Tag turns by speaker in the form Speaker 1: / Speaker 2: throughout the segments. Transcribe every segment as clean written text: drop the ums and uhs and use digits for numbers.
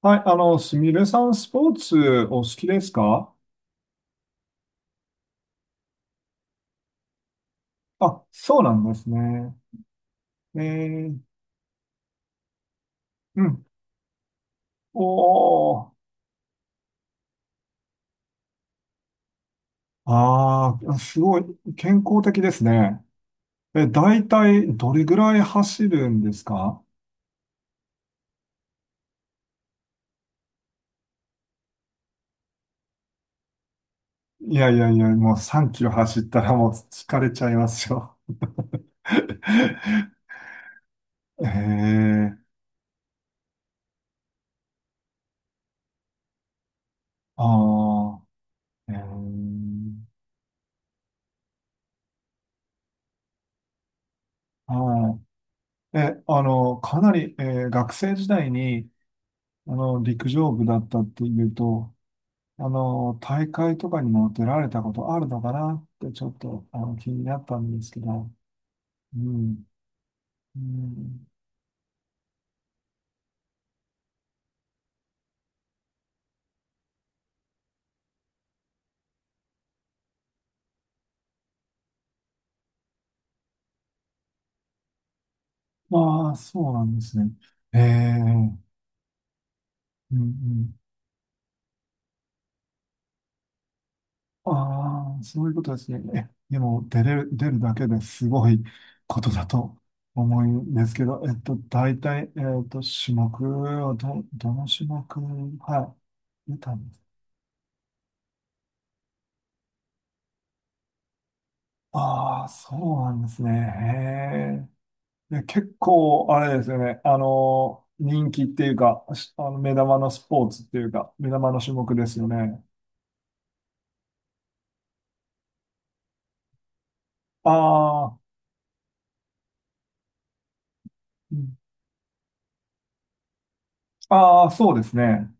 Speaker 1: はい、すみれさん、スポーツお好きですか？そうなんですね。えー、うん。おー、ああすごい、健康的ですね。え、大体、どれぐらい走るんですか？いやいやいや、もう3キロ走ったらもう疲れちゃいますよ。えー、あー、えー、はい。え、かなり、学生時代に、陸上部だったっていうと、大会とかにも出られたことあるのかなってちょっと気になったんですけど、うん。うん、まあ、そうなんですね。ええ、うんうん。ああ、そういうことですね。え、でも、出るだけですごいことだと思うんですけど、大体、種目をどの種目、はい、出たんです。ああ、そうなんですね。へね、結構、あれですよね。人気っていうか、しあの目玉のスポーツっていうか、目玉の種目ですよね。ああ、うん、ああ、そうですね。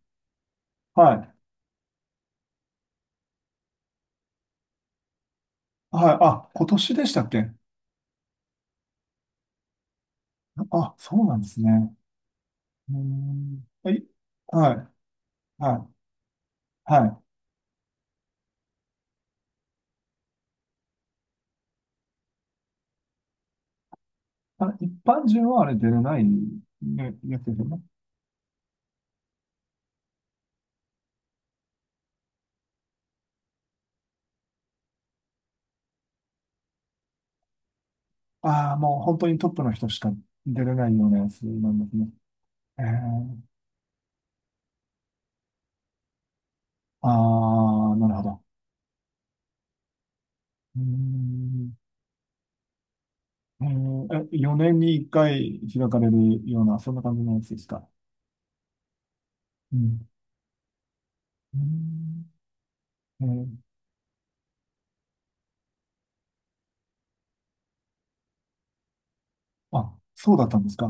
Speaker 1: はい。はい。あ、今年でしたっけ？あ、そうなんですね。うーん。はい。はい。はい。はい。あ、一般人はあれ出れない、ね、やつですよね。ああ、もう本当にトップの人しか出れないようなやつなんですね。えー、ああ、なるほど。うーん、4年に1回開かれるような、そんな感じのやつですか。うん。うん、えーあ、そうだったんですか。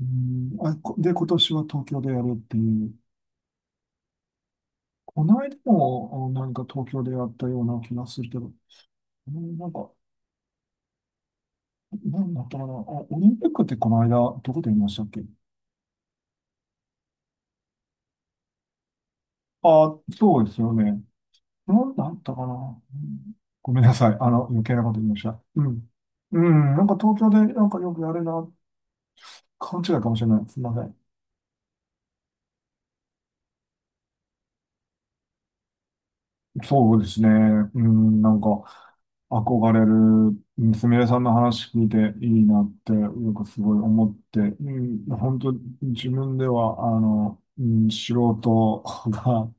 Speaker 1: うん、今年は東京でやるっていう。この間もなんか東京でやったような気がするけど、うん、なんか、なんだったかな。あ、オリンピックってこの間、どこでやりましたっけ？あ、そうですよね。なんだったかな。うん、ごめんなさい。余計なこと言いました。うん。うん、なんか東京でなんかよくやるな、勘違いかもしれない。すみません。そうですね。うん、なんか、憧れる、うん、すみれさんの話聞いていいなって、なんかすごい思って、うん、本当、自分では、うん、素人が、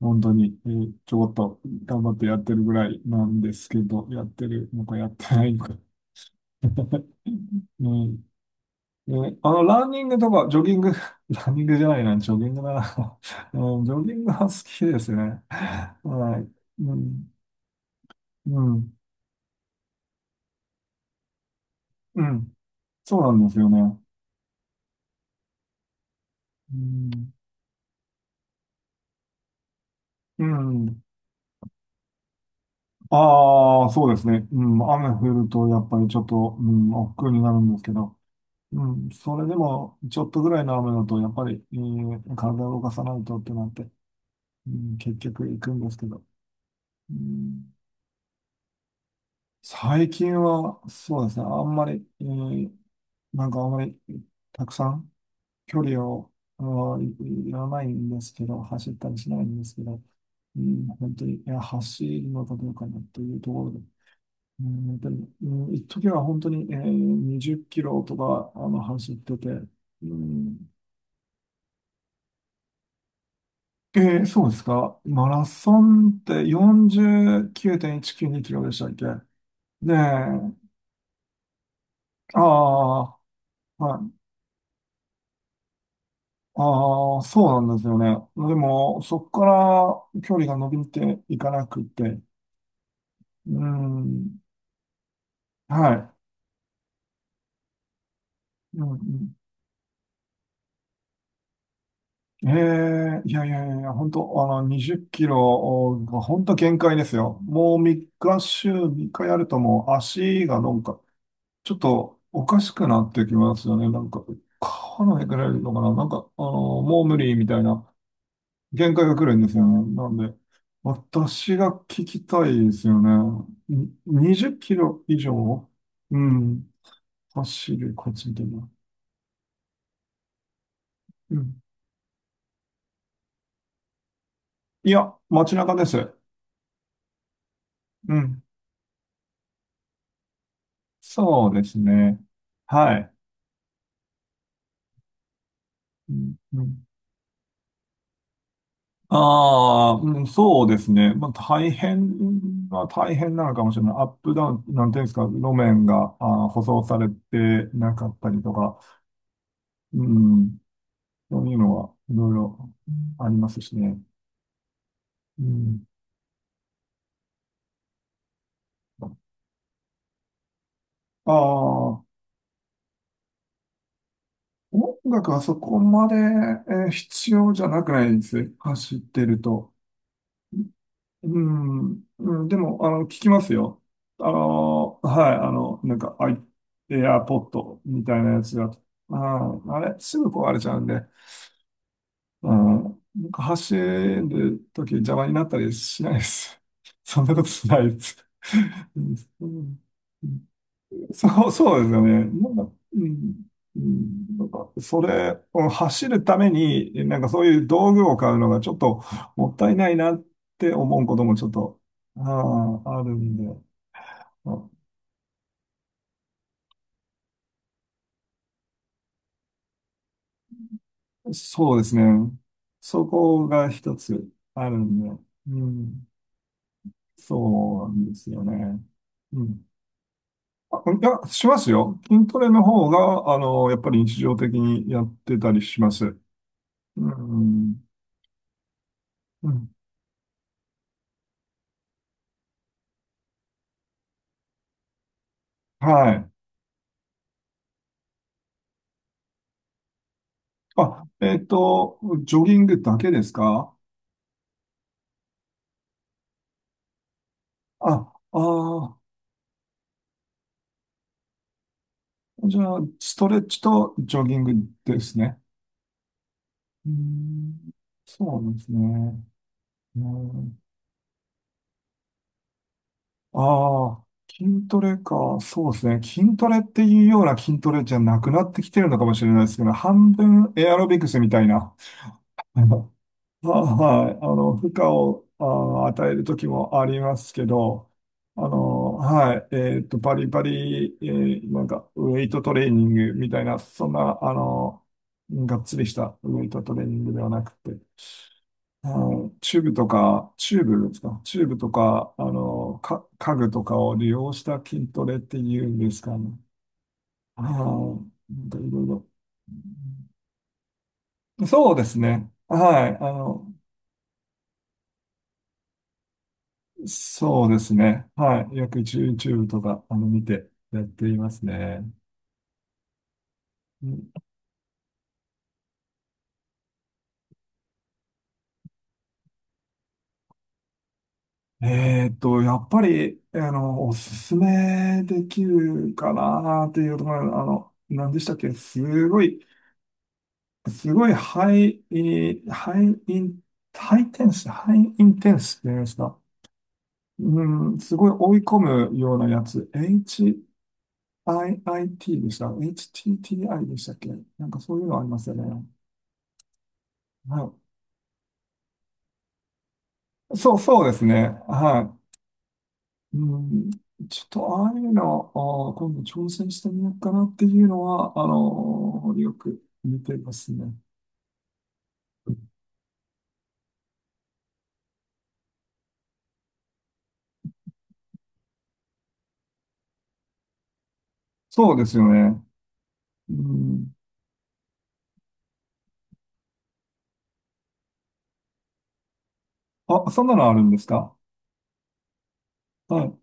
Speaker 1: 本当に、ちょこっと頑張ってやってるぐらいなんですけど、やってるのかやってないのか。うん。ね、ランニングとか、ジョギング、ランニングじゃないな、ジョギングだな。うん、ジョギングは好きですね。はい。うん、うん、うん。そうなんですよね。うん。うん。ああ、そうですね。うん。雨降ると、やっぱりちょっと、うん、億劫になるんですけど、うん。それでも、ちょっとぐらいの雨だと、やっぱり、体を動かさないとってなって、うん、結局行くんですけど、うん。最近は、そうですね。あんまり、なんかあんまり、たくさん、距離を、言わないんですけど、走ったりしないんですけど、うん、本当に、いや、走るのかどうかなというところで、うん、本当に、うん、一時は本当に、20キロとか、走ってて、うん、そうですか。マラソンって49.192キロでしたっけ？で、ああ、はい。ああ、そうなんですよね。でも、そこから距離が伸びていかなくて、うん。はい。うんうん、ええ、いやいやいやいや、本当20キロが本当限界ですよ。もう3日、週3日やるともう足がなんか、ちょっとおかしくなってきますよね。なんか、離れくれるのかな、なんか、もう無理みたいな限界が来るんですよね。なんで、私が聞きたいですよね。に20キロ以上、うん、走る、こっちでも。うん。いや、街中です。うん。そうですね。はい。うんうん、ああ、うん、そうですね。まあ、大変は大変なのかもしれない。アップダウン、なんていうんですか、路面が、舗装されてなかったりとか、うん、そういうのはいろいろありますしね。うん、ああ、音楽はそこまで、必要じゃなくないです。走ってると。うん、うん、でも、聞きますよ。はい、なんか、エアポッドみたいなやつが、あ、あれ、すぐ壊れちゃうんで、うん、なんか走るとき邪魔になったりしないです。そんなことしないです。うん、うん、そうですよね。なんか、うん、うん、なんか、それを走るために、なんかそういう道具を買うのがちょっともったいないなって思うこともちょっと、ああ、あるんで、あ、そうですね。そこが一つあるんで、うん、そうなんですよね。うん。あ、いや、しますよ。筋トレの方が、やっぱり日常的にやってたりします。うん。うん。はい。あ、ジョギングだけですか？あ、ああ、じゃあ、ストレッチとジョギングですね。うーん、そうなんですね。うん、ああ、筋トレか。そうですね。筋トレっていうような筋トレじゃなくなってきてるのかもしれないですけど、半分エアロビクスみたいな。あ、はい。負荷を、与える時もありますけど、はい。バリバリ、なんか、ウェイトトレーニングみたいな、そんな、がっつりしたウェイトトレーニングではなくて、チューブとか、チューブですか、チューブとか、家具とかを利用した筋トレっていうんですかね。はい。なんかいろいろ。そうですね。はい。そうですね。はい。約 YouTube とか、見てやっていますね。うん、やっぱり、おすすめできるかなっていうところ、何でしたっけ？すごい、すごいハイ、ハイイン、ハイテンス、ハイインテンスって言いますか？うん、すごい追い込むようなやつ。HIIT でした？ HTTI でしたっけ？なんかそういうのありますよね。はい、そうですね。はい。うん、ちょっとああいうの、今度挑戦してみようかなっていうのは、よく見てますね。そうですよね。うん、あ、そんなのあるんですか？はい。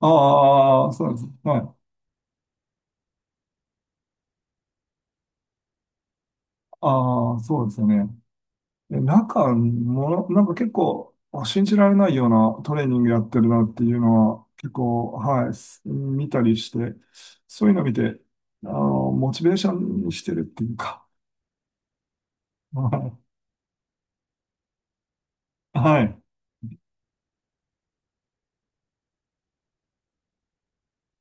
Speaker 1: ああ、そうです。はい。ああ、そうですよね。え、なんか、もの、なんか結構、あ、信じられないようなトレーニングやってるなっていうのは、結構、はい、見たりして、そういうの見て、モチベーションにしてるっていうか、あ、はい。はい。